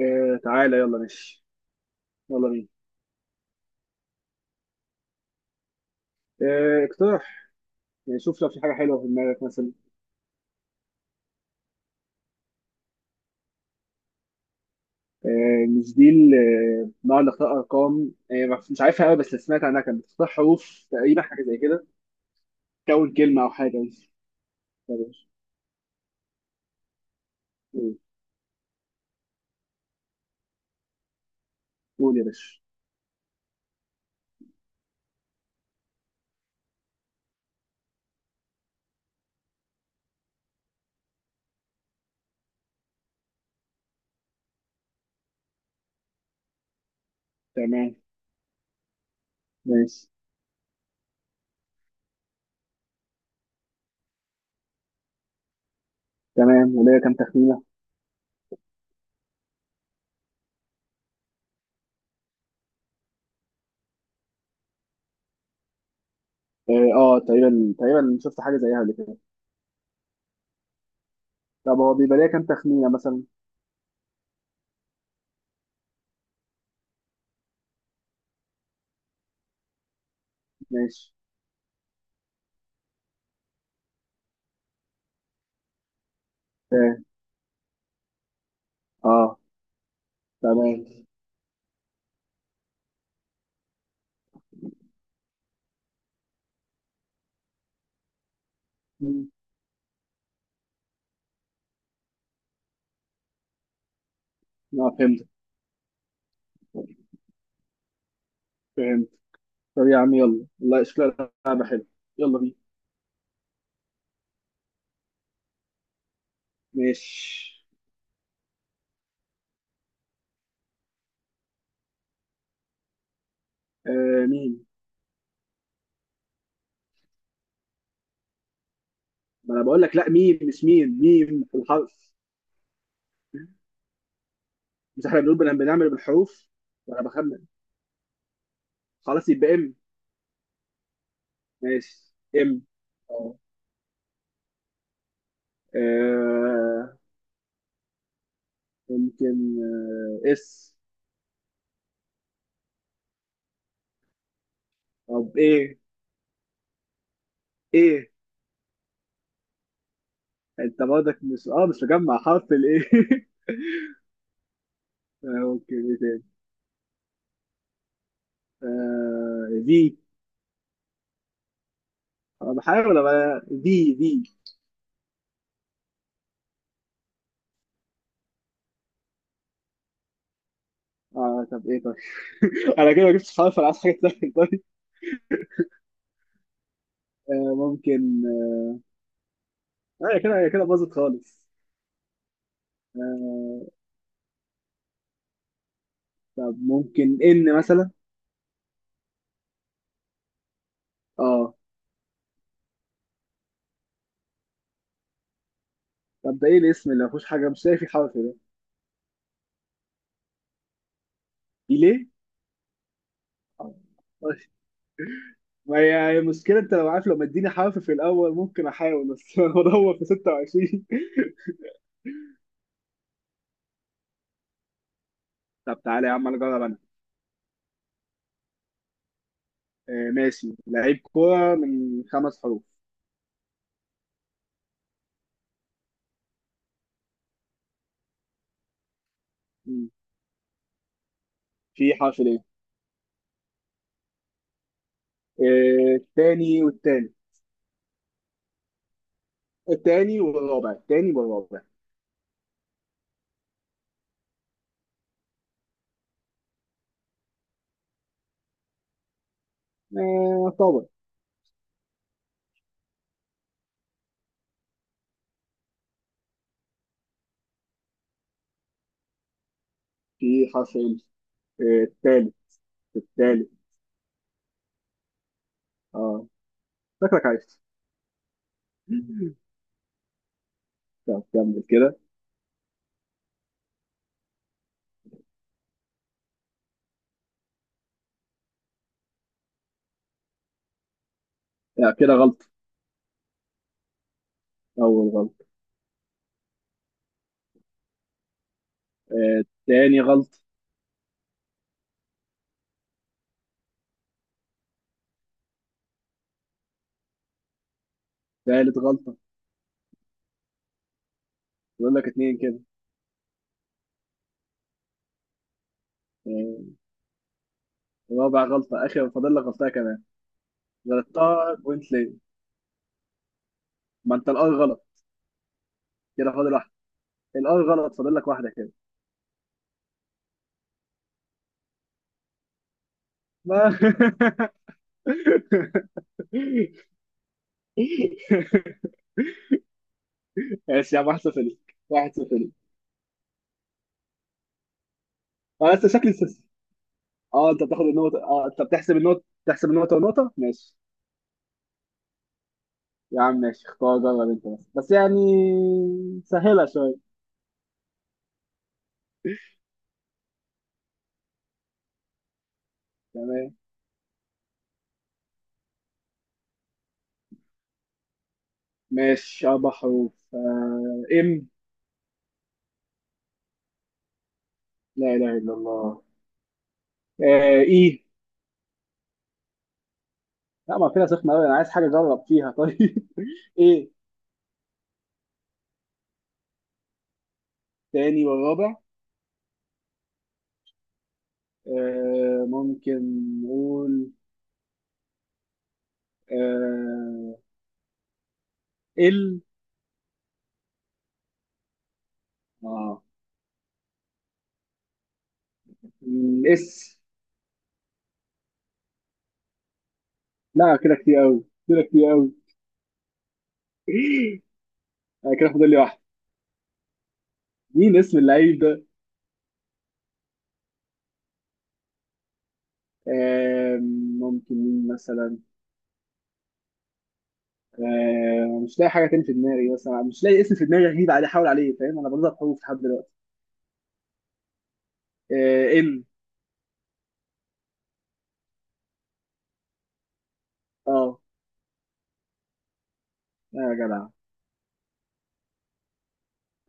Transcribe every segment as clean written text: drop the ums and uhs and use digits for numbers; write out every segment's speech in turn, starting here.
آه، تعالى يلا ماشي. يلا بينا. آه، اقترح. يعني شوف، لو في حاجة حلوة في دماغك مثلا. آه، مش دي نقعد نختار أرقام، مش عارفها قوي، بس اللي سمعت عنها كانت بتختار حروف تقريبا، حاجة زي كده. تكون كلمة أو حاجة، ماشي. طب يا باشا. قول. قول يا باشا. تمام. ماشي. تمام، وليا كام تخمينة؟ اه، تقريبا تقريبا شفت حاجة زيها قبل كده. طب، هو بيبقى ليا كام تخمينة مثلا؟ ماشي. اه، آه، تمام. مم. اه، فهمت. فهمت. طب يا عم، يلا والله شكلها لعبة حلوة. يلا بينا. ماشي. آه، ميم. ما انا بقول لك، لا ميم، مش ميم، ميم في الحرف. مش احنا بنقول بنعمل بالحروف؟ وانا بخمن. خلاص يبقى ام. ماشي. ام. اه. آه، ممكن. آه، اس. طب ايه. ايه، انت برضك مش مجمع حرف الايه؟ آه، ممكن ايه تاني. آه، في. انا بحاول ابقى في. اه، طب ايه؟ طيب. انا كده ما جبتش خالص، انا عايز حاجه تسهل. طيب. آه، ممكن. اه، هي كده، هي كده باظت خالص. آه. طب ممكن ان مثلا. اه. طب ده ايه الاسم اللي ما فيهوش حاجه؟ مش لاقي فيه حرف ده. ليه. آه، ماشي. ما هي مشكلة، انت لو عارف، لو مديني حرف في الاول ممكن احاول بس. انا بدور في 26. طب تعالى يا عم، انا اجرب انا. آه ماشي، لعيب كورة من خمس حروف. مم. في حرف ليه. آه، التاني والرابع. التاني والرابع. آه، طبعا. في حرف ال. آه، التالت. التالت. اه. شكلك عايز. طب كمل كده. لا، كده غلط. اول غلط. آه، تاني غلط. تالت غلطة. بقول لك اتنين كده. آه، رابع غلطة. اخر، فاضل لك غلطة كمان. غلطتها بوينت ليه. ما انت الار غلط. كده فاضل واحدة. الار غلط، فاضل لك واحدة كده. ما ماشي يا عم، واحد صفر ليك، واحد صفر ليك. انا لسه شكلي. اه، انت بتحسب النقطة. تحسب النقطة ونقطة، ماشي. يا عم ماشي، اختار جرب انت بس يعني. سهلة شوية. تمام. ماشي، أربع حروف. آه، إم. لا إله إلا الله. آه، إيه. لا، ما فيها سخنة أوي، أنا عايز حاجة أجرب فيها طيب. إيه. تاني والرابع. آه، ممكن. نقول. آه. ال. آه. م، اس. لا، كده كتير أوي، كده كتير أوي. آه، كده فاضل لي واحدة. مين اسم اللعيب ده؟ آم، ممكن مين مثلا. مش لاقي حاجه تاني في دماغي، مثلا مش لاقي اسم في دماغي غريب عليه احاول عليه. فاهم، انا بنطق حروف لحد دلوقتي. آه، ال. اه. آه يا جدع.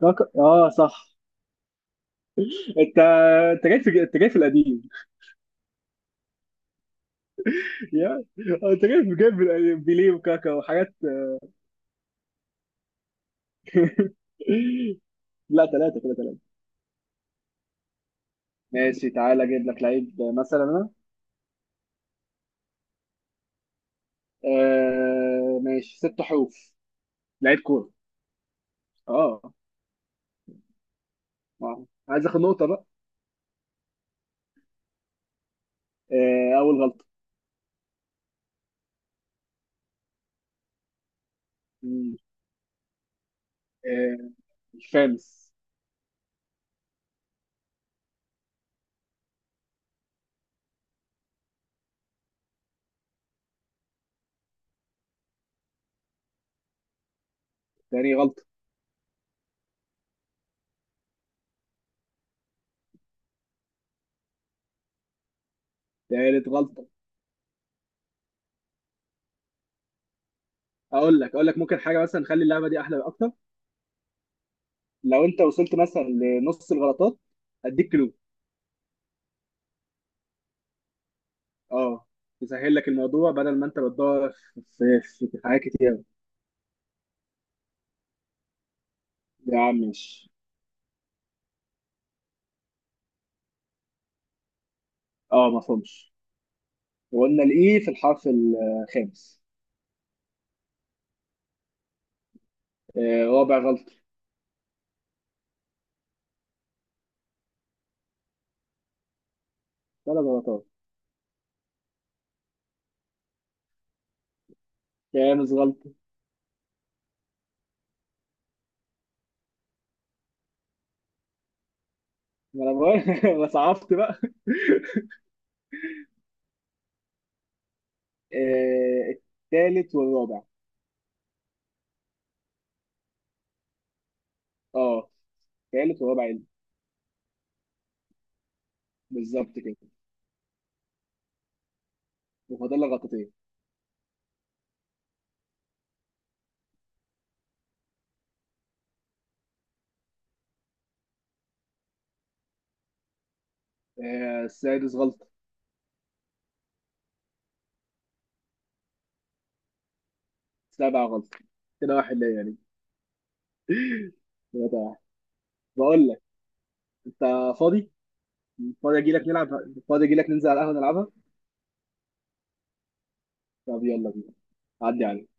اه، صح. انت انت جاي في القديم. يا. آه، انت جاي في القديم. بيليه وكاكا وحاجات. لا، ثلاثه كده، ثلاثه. ماشي، تعالى اجيب لك لعيب. مثلا انا. آه ماشي، ست حروف. لعيب كوره. اه. آه. عايز اخد نقطه بقى. آه، اول غلطه. مم. آه. الخامس. تاني غلطه. تالت غلطه. اقول لك ممكن حاجه مثلا، نخلي اللعبه دي احلى اكتر. لو انت وصلت مثلا لنص الغلطات، اديك كلو. اه. يسهل لك الموضوع بدل ما انت بتدور في حاجات كتير. يا عم مش. اه، ما فهمش. وقلنا الاي في الحرف الخامس. آه، رابع غلطه. ثلاث غلطات. خامس غلطه. ما انا بقول- ما صعبت بقى. آه، التالت والرابع. اه، التالت والرابع. بالظبط كده. وفاضل لك غلطتين. آه، السادس غلط. السابع غلط. كده واحد ليا يعني. ثلاثة واحد. بقول لك. انت فاضي؟ فاضي اجي لك نلعب؟ فاضي اجي لك ننزل على القهوة نلعبها؟ طب يلا بينا. عدي عليك.